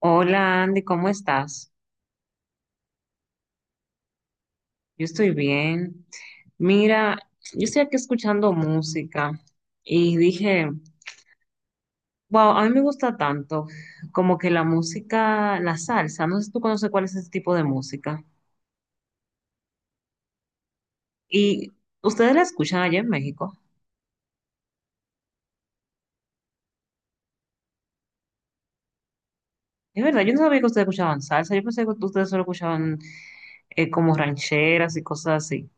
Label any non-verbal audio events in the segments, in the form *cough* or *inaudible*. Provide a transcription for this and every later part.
Hola, Andy, ¿cómo estás? Yo estoy bien. Mira, yo estoy aquí escuchando música y dije, wow, a mí me gusta tanto como que la música, la salsa, no sé si tú conoces cuál es ese tipo de música. Y ustedes la escuchan allá en México. Es verdad, yo no sabía que ustedes escuchaban salsa, yo pensé que ustedes solo escuchaban como rancheras y cosas así.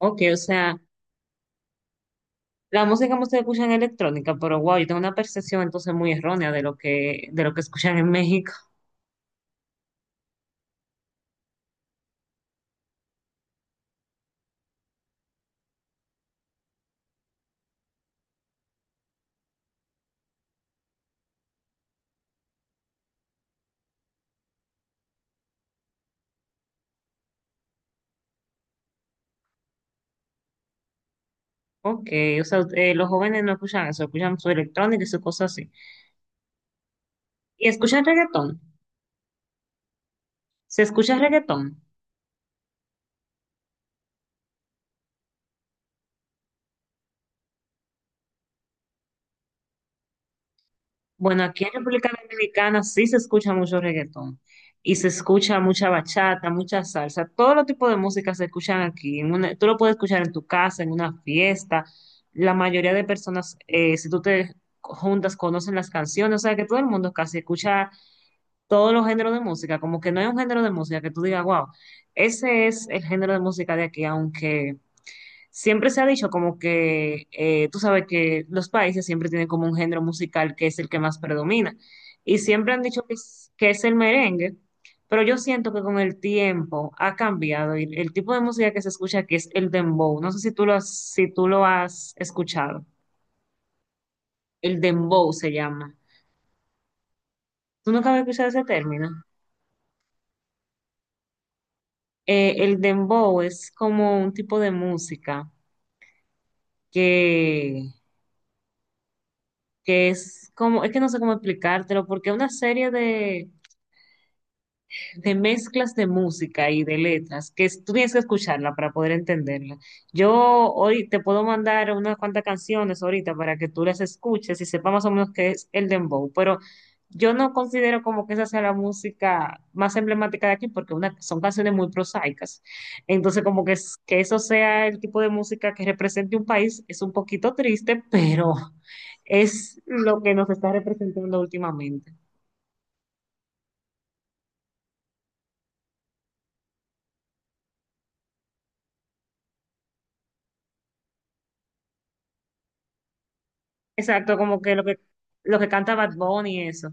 Ok, o sea, la música que ustedes escuchan es electrónica, pero wow, yo tengo una percepción entonces muy errónea de de lo que escuchan en México. Ok, o sea, los jóvenes no escuchan eso, escuchan su electrónica y sus cosas así. ¿Y escuchan reggaetón? ¿Se escucha reggaetón? Bueno, aquí en República Dominicana sí se escucha mucho reggaetón y se escucha mucha bachata, mucha salsa, todo los tipos de música se escuchan aquí. En una- tú lo puedes escuchar en tu casa, en una fiesta. La mayoría de personas, si tú te juntas, conocen las canciones, o sea que todo el mundo casi escucha todos los géneros de música, como que no hay un género de música que tú digas, wow, ese es el género de música de aquí, aunque siempre se ha dicho como que, tú sabes que los países siempre tienen como un género musical que es el que más predomina. Y siempre han dicho que es el merengue, pero yo siento que con el tiempo ha cambiado y el tipo de música que se escucha aquí es el dembow. No sé si si tú lo has escuchado. El dembow se llama. ¿Tú nunca habías escuchado ese término? El dembow es como un tipo de música que, que es como, es que no sé cómo explicártelo, porque es una serie de mezclas de música y de letras, que es- tú tienes que escucharla para poder entenderla. Yo hoy te puedo mandar unas cuantas canciones ahorita para que tú las escuches y sepas más o menos qué es el dembow, pero yo no considero como que esa sea la música más emblemática de aquí porque una, son canciones muy prosaicas. Entonces, como que, es- que eso sea el tipo de música que represente un país es un poquito triste, pero es lo que nos está representando últimamente. Exacto, como que lo que canta Bad Bunny y eso.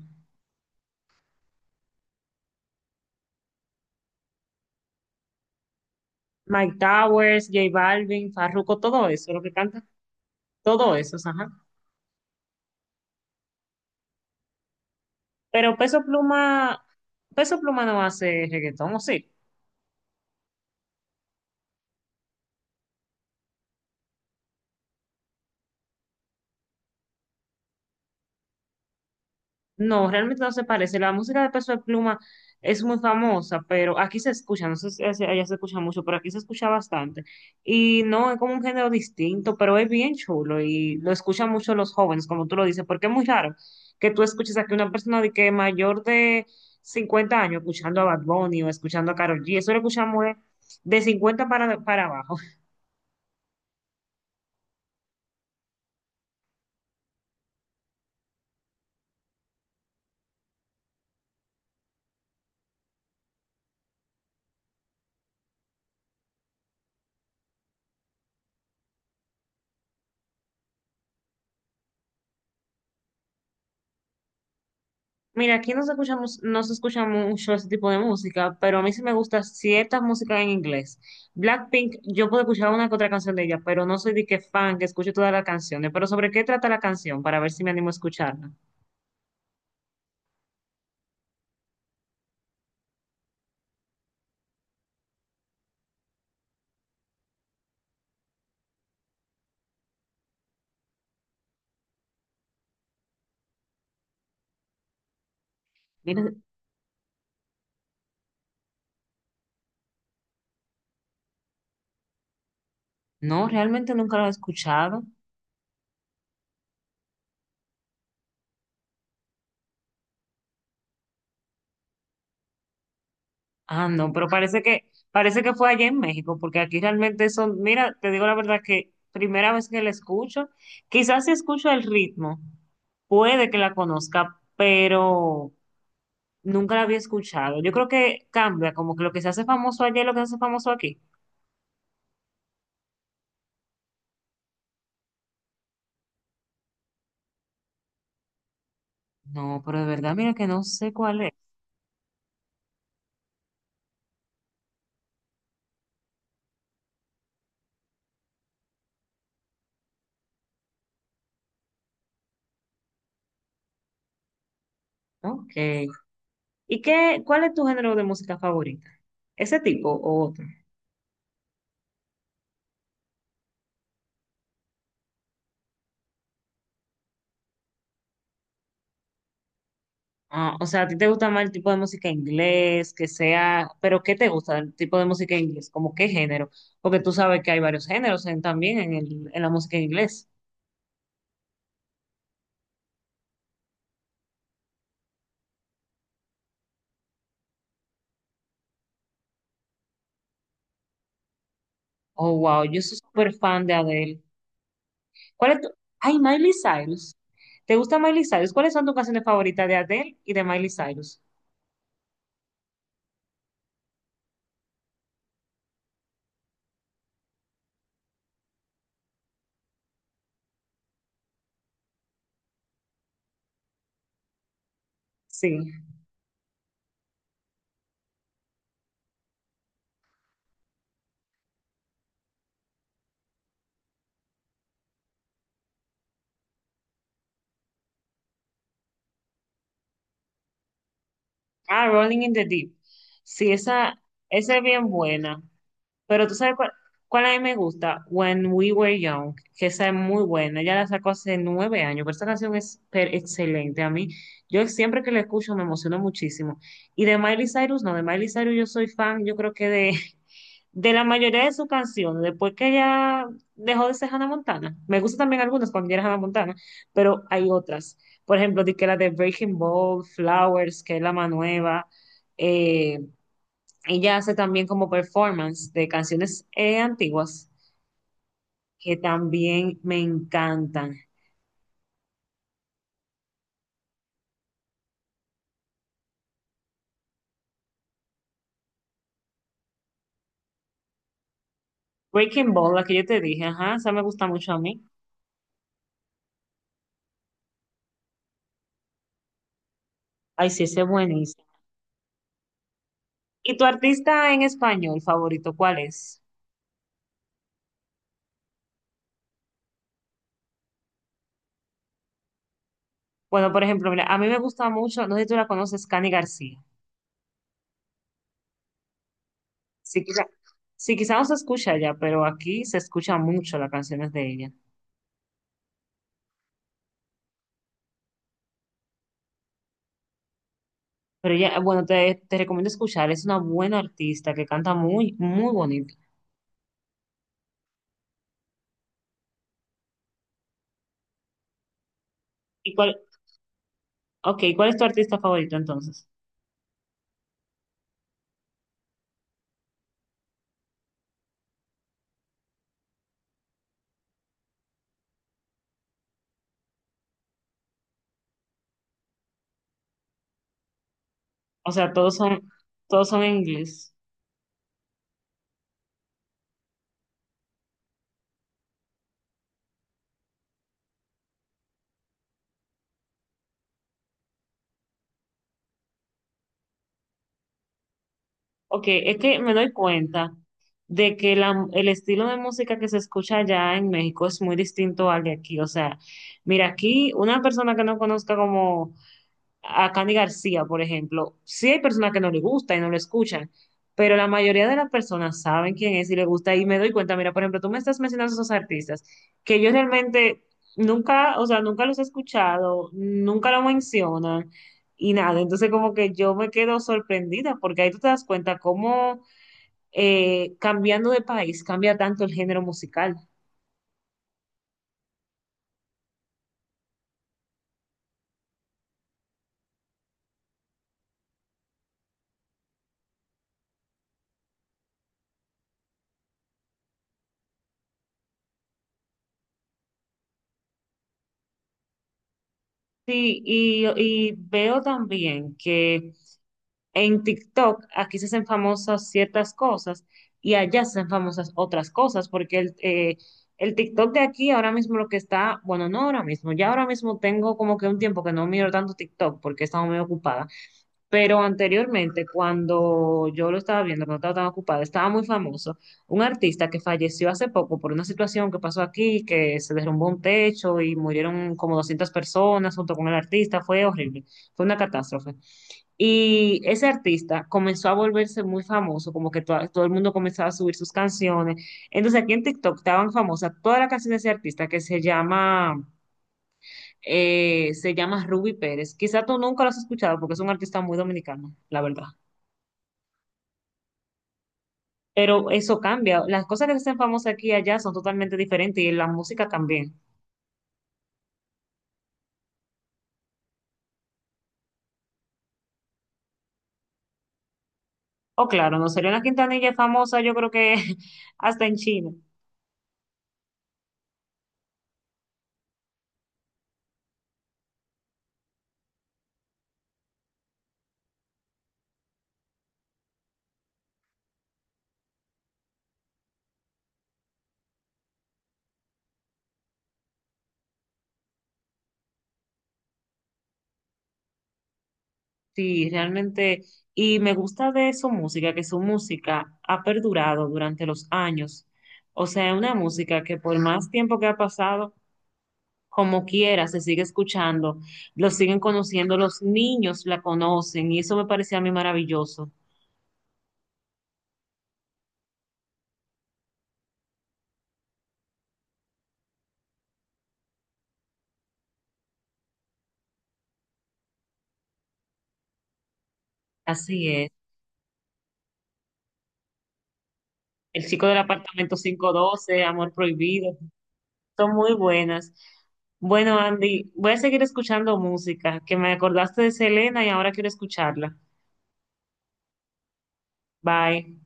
Mike Towers, J Balvin, Farruko, todo eso, lo que canta, todo eso, ajá. Pero Peso Pluma, Peso Pluma no hace reggaetón, ¿o sí? No, realmente no se parece. La música de Peso de Pluma es muy famosa, pero aquí se escucha, no sé si hacia allá se escucha mucho, pero aquí se escucha bastante. Y no, es como un género distinto, pero es bien chulo y lo escuchan mucho los jóvenes, como tú lo dices, porque es muy raro que tú escuches aquí una persona de que mayor de 50 años escuchando a Bad Bunny o escuchando a Karol G. Eso lo escuchamos de 50 para abajo. Mira, aquí no se escuchamos, no se escucha mucho ese tipo de música, pero a mí sí me gusta cierta música en inglés. Blackpink, yo puedo escuchar una que otra canción de ella, pero no soy de que fan que escuche todas las canciones. Pero ¿sobre qué trata la canción? Para ver si me animo a escucharla. Mira, no, realmente nunca la he escuchado. Ah, no, pero parece parece que fue allá en México, porque aquí realmente son, mira, te digo la verdad que primera vez que la escucho, quizás si escucho el ritmo, puede que la conozca, pero nunca la había escuchado. Yo creo que cambia, como que lo que se hace famoso allá es lo que se hace famoso aquí. No, pero de verdad, mira que no sé cuál es. Ok. ¿Y qué, cuál es tu género de música favorita? ¿Ese tipo o otro? Ah, o sea, ¿a ti te gusta más el tipo de música inglés, que sea, pero qué te gusta el tipo de música inglés? ¿Como qué género? Porque tú sabes que hay varios géneros en- también en, el- en la música en inglés. Oh, wow, yo soy súper fan de Adele. ¿Cuál es tu... Ay, Miley Cyrus. ¿Te gusta Miley Cyrus? ¿Cuáles son tus canciones favoritas de Adele y de Miley Cyrus? Sí. Ah, Rolling in the Deep. Sí, esa es bien buena. Pero tú sabes cuál a mí me gusta, When We Were Young, que esa es muy buena. Ella la sacó hace 9 años, pero esta canción es per- excelente. A mí, yo siempre que la escucho me emociono muchísimo. Y de Miley Cyrus, no, de Miley Cyrus yo soy fan, yo creo que de la mayoría de sus canciones, después que ella dejó de ser Hannah Montana, me gustan también algunas cuando ella era Hannah Montana, pero hay otras. Por ejemplo, di que la de Breaking Ball, Flowers, que es la más nueva. eh, Ella hace también como performance de canciones antiguas que también me encantan. Breaking Ball, la que yo te dije, ajá, esa me gusta mucho a mí. Ay, sí, ese es buenísimo. ¿Y tu artista en español favorito, cuál es? Bueno, por ejemplo, mira, a mí me gusta mucho, no sé si tú la conoces, Cani García. Sí, quizá, sí, quizá no se escucha ya, pero aquí se escucha mucho las canciones de ella. Pero ella, bueno, te recomiendo escuchar, es una buena artista que canta muy, muy bonito. ¿Y cuál, okay cuál es tu artista favorito entonces? O sea, todos son en inglés. Ok, es que me doy cuenta de que el estilo de música que se escucha allá en México es muy distinto al de aquí. O sea, mira, aquí una persona que no conozca como a Candy García, por ejemplo, sí hay personas que no le gusta y no lo escuchan, pero la mayoría de las personas saben quién es y le gusta y me doy cuenta, mira, por ejemplo, tú me estás mencionando esos artistas que yo realmente nunca, o sea, nunca los he escuchado, nunca lo mencionan y nada, entonces como que yo me quedo sorprendida porque ahí tú te das cuenta cómo cambiando de país cambia tanto el género musical. Sí, y veo también que en TikTok, aquí se hacen famosas ciertas cosas y allá se hacen famosas otras cosas, porque el TikTok de aquí ahora mismo lo que está, bueno, no ahora mismo, ya ahora mismo tengo como que un tiempo que no miro tanto TikTok porque he estado muy ocupada, pero anteriormente cuando yo lo estaba viendo, cuando estaba tan ocupada, estaba muy famoso un artista que falleció hace poco por una situación que pasó aquí, que se derrumbó un techo y murieron como 200 personas junto con el artista, fue horrible, fue una catástrofe. Y ese artista comenzó a volverse muy famoso, como que to- todo el mundo comenzaba a subir sus canciones. Entonces aquí en TikTok estaban famosas todas las canciones de ese artista se llama Ruby Pérez. Quizá tú nunca lo has escuchado porque es un artista muy dominicano, la verdad. Pero eso cambia. Las cosas que se hacen famosas aquí y allá son totalmente diferentes y la música también. Oh, claro, no sería una Quintanilla es famosa, yo creo que *laughs* hasta en China. Sí, realmente, y me gusta de su música, que su música ha perdurado durante los años. O sea, es una música que por más tiempo que ha pasado, como quiera, se sigue escuchando, lo siguen conociendo, los niños la conocen, y eso me parecía a mí maravilloso. Así es. El chico del apartamento 512, Amor Prohibido, son muy buenas. Bueno, Andy, voy a seguir escuchando música, que me acordaste de Selena y ahora quiero escucharla. Bye.